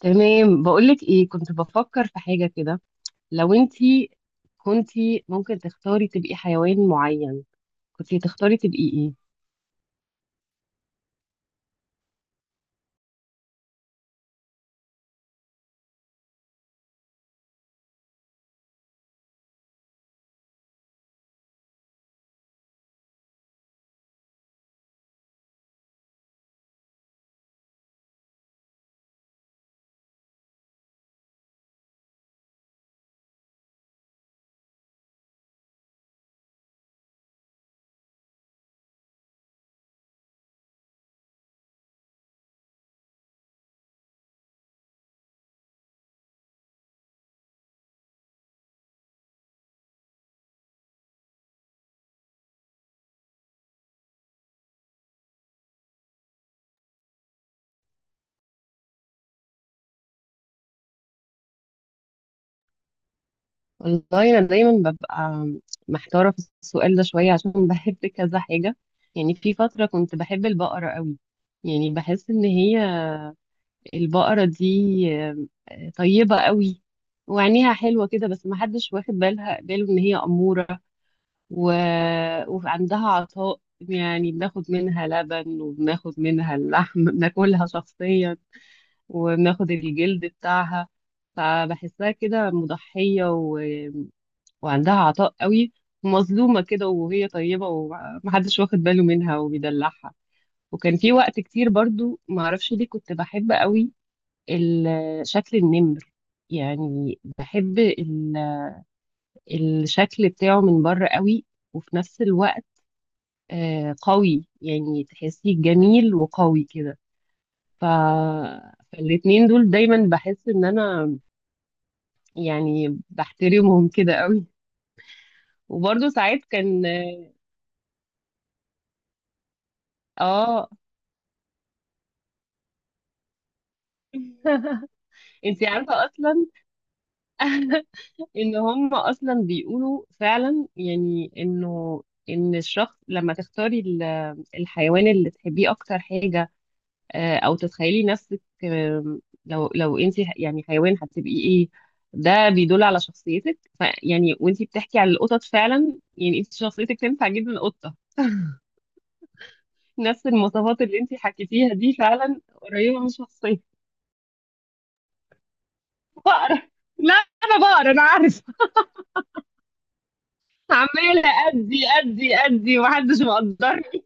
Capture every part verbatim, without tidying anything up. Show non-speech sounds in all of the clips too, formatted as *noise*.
تمام، بقولك ايه، كنت بفكر في حاجة كده. لو انتي كنتي ممكن تختاري تبقي حيوان معين، كنتي تختاري تبقي ايه؟ والله انا دايما ببقى محتارة في السؤال ده شوية عشان *laughs* بحب كذا حاجة. يعني في فترة كنت بحب البقرة قوي. يعني بحس ان هي البقرة دي آه، طيبة قوي. وعينيها حلوة كده، بس محدش واخد بالها باله ان هي أمورة. و... وعندها عطاء، يعني بناخد منها لبن وبناخد منها اللحم *laughs* بناكلها شخصيا. وبناخد الجلد بتاعها، فبحسها كده مضحية و... وعندها عطاء قوي. ومظلومة كده، وهي طيبة ومحدش واخد باله منها وبيدلعها. وكان في وقت كتير برضو معرفش ليه كنت بحب قوي ال- شكل النمر. يعني بحب ال- الشكل بتاعه من بره قوي. وفي نفس الوقت آه، قوي، يعني تحسيه جميل وقوي كده. ف... فالاتنين دول دايما بحس ان انا يعني بحترمهم كده قوي. وبرضه ساعات كان، اه. *laughs* انتي عارفة اصلا. *laughs* ان هم اصلا بيقولوا فعلا، يعني انه ان الشخص لما تختاري ال- الحيوان اللي تحبيه اكتر حاجة، آه، او تتخيلي نفسك آم، لو لو انت يعني حيوان هتبقي ايه، ده بيدل على شخصيتك. فيعني وانت بتحكي على القطط فعلا، يعني انت شخصيتك تنفع جدا قطة. نفس المواصفات اللي انت حكيتيها دي فعلا قريبة من شخصيتي. بقرا. لا، انا بقرا، انا عارفة. عمالة ادي ادي ادي، ومحدش مقدرني.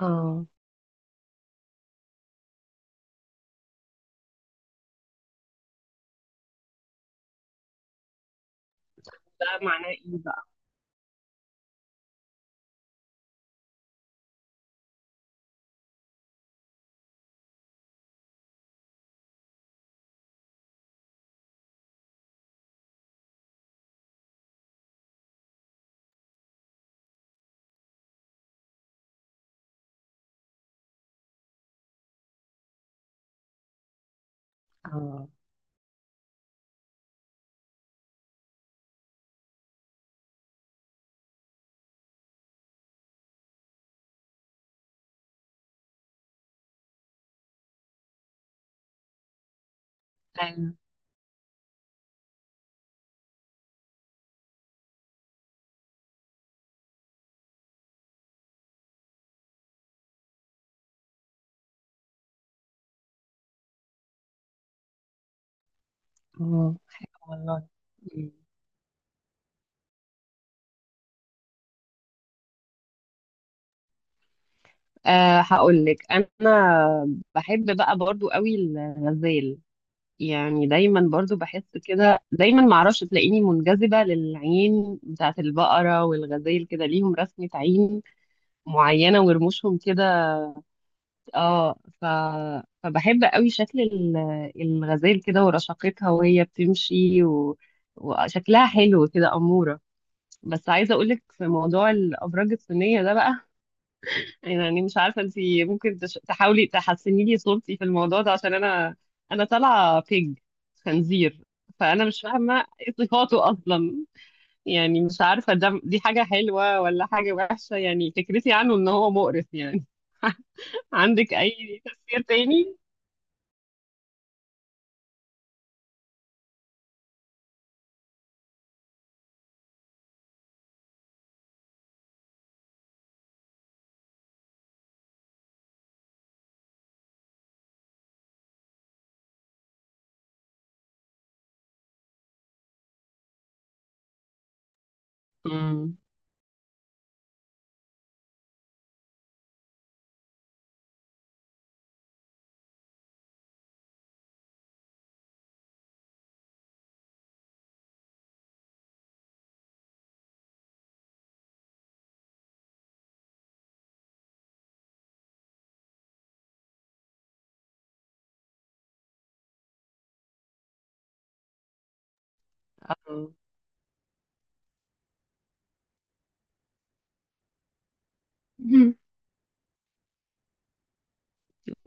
اه، ده معناه ايه بقى؟ اه. ايوه. اه، حلو والله. أه، هقول لك انا بحب بقى برضو قوي الغزال. يعني دايما برضو بحس كده، دايما معرفش، تلاقيني منجذبة للعين بتاعت البقرة والغزال، كده ليهم رسمة عين معينة ورموشهم كده. اه. ف... فبحب قوي شكل ال- الغزال كده ورشاقتها وهي بتمشي و... وشكلها حلو كده، أمورة. بس عايزة اقولك في موضوع الأبراج الصينية ده بقى، يعني مش عارفة انت ممكن تش- تحاولي تحسني لي صورتي في الموضوع ده عشان انا انا طالعة بيج خنزير. فانا مش فاهمة ايه صفاته اصلا. يعني مش عارفة ده دي حاجة حلوة ولا حاجة وحشة، يعني فكرتي عنه ان هو مقرف يعني. *laughs* عندك اي تفسير تاني؟ امم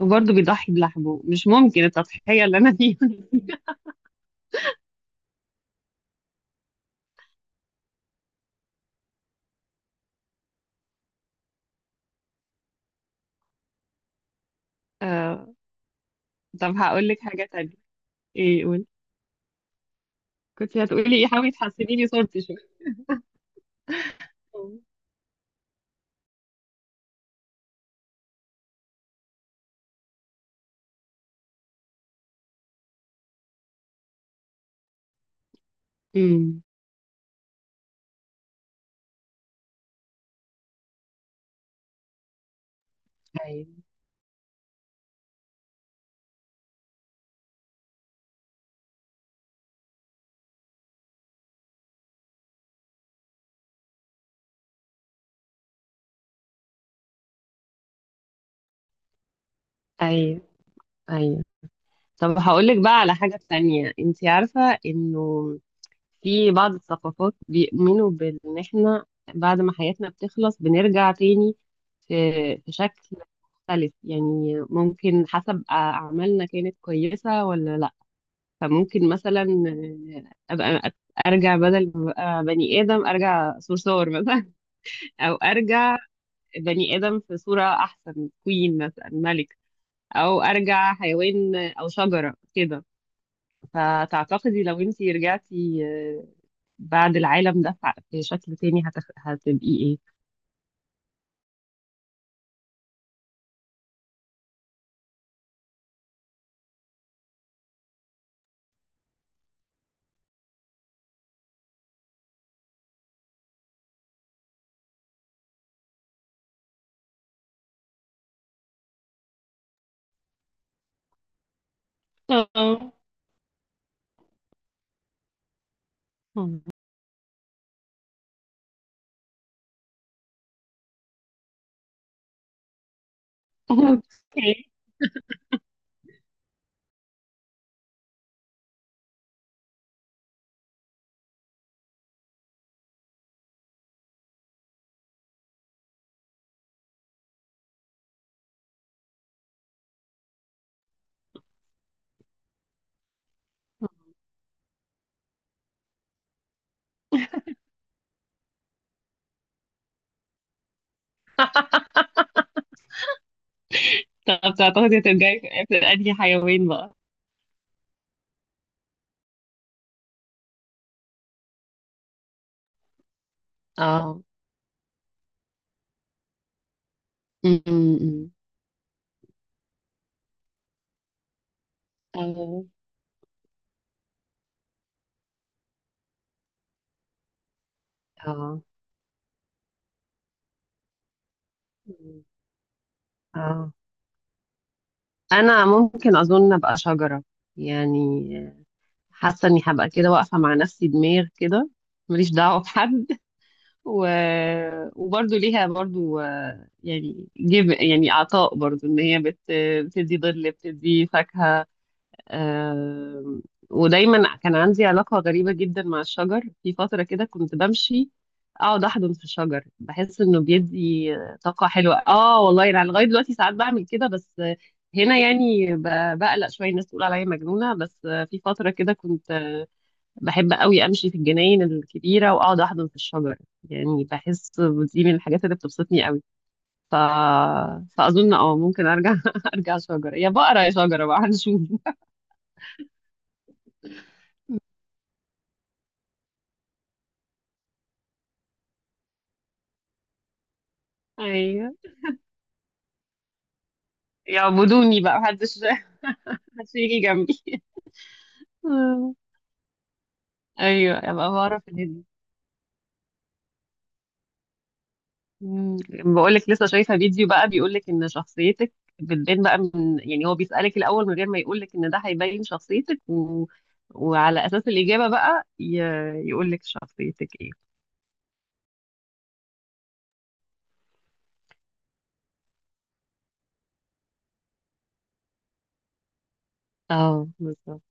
وبرضه بيضحي بلحمه، مش ممكن التضحية اللي انا فيها. آه. طب هقول لك حاجة تانية. ايه، قول. كنت هتقولي ايه، حاولي تحسني لي صورتي شوية. امم. ايوه. ايوه. ايوه. طب هقول لك بقى على حاجة تانية، انت عارفة انه في بعض الثقافات بيؤمنوا بان احنا بعد ما حياتنا بتخلص بنرجع تاني في في شكل مختلف، يعني ممكن حسب اعمالنا كانت كويسة ولا لا. فممكن مثلا آه، ابقى ارجع بدل ما ابقى بني ادم، ارجع صرصور مثلا. *laughs* او ارجع بني ادم في صورة احسن، كوين مثلا، ملك، او ارجع حيوان او شجرة كده. فتعتقدي لو انتي رجعتي آه، بعد العالم ده، ف- في شكل تاني هتخ... هتبقي ايه؟ اه. مم. اوكي. طب تعتقدي هترجعي في في انهي حيوان بقى؟ اه. م- م- اه. م. اه. اه. اه. انا ممكن اظن ابقى شجرة. يعني حاسة اني هبقى كده واقفة مع نفسي، دماغ كده، ماليش دعوة بحد و... وبرضه ليها برضه آه، يعني جيب يعني عطاء برضه، ان هي بت... بتدي ظل، بتدي فاكهة آم، ودايما كان عندي علاقة غريبة جدا مع الشجر. في فترة كده كنت بمشي اقعد احضن في الشجر، بحس انه بيدي طاقة حلوة. اه والله انا يعني لغاية دلوقتي ساعات بعمل كده، بس هنا يعني ب- بقلق شوية الناس تقول عليا مجنونة. بس في فترة كده كنت بحب قوي امشي في الجناين الكبيره واقعد احضن في الشجر. يعني بحس دي من الحاجات اللي بتبسطني قوي. ف... فاظن اه ممكن ارجع، *laughs* ارجع شجره، يا بقره يا شجره بقى، هنشوف. ايوه يعبدوني بقى، محدش *laughs* محدش يجي جنبي آه، ايوه ابقى بعرف الهدي. بقول لك لسه شايفه فيديو بقى بيقول لك ان شخصيتك بتبان بقى من، يعني هو بيسألك الاول من غير ما يقول لك ان ده هيبين شخصيتك و... وعلى اساس الاجابه بقى ي... يقول لك شخصيتك. اه، بالظبط.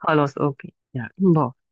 خلاص. اوكي، يلا باي.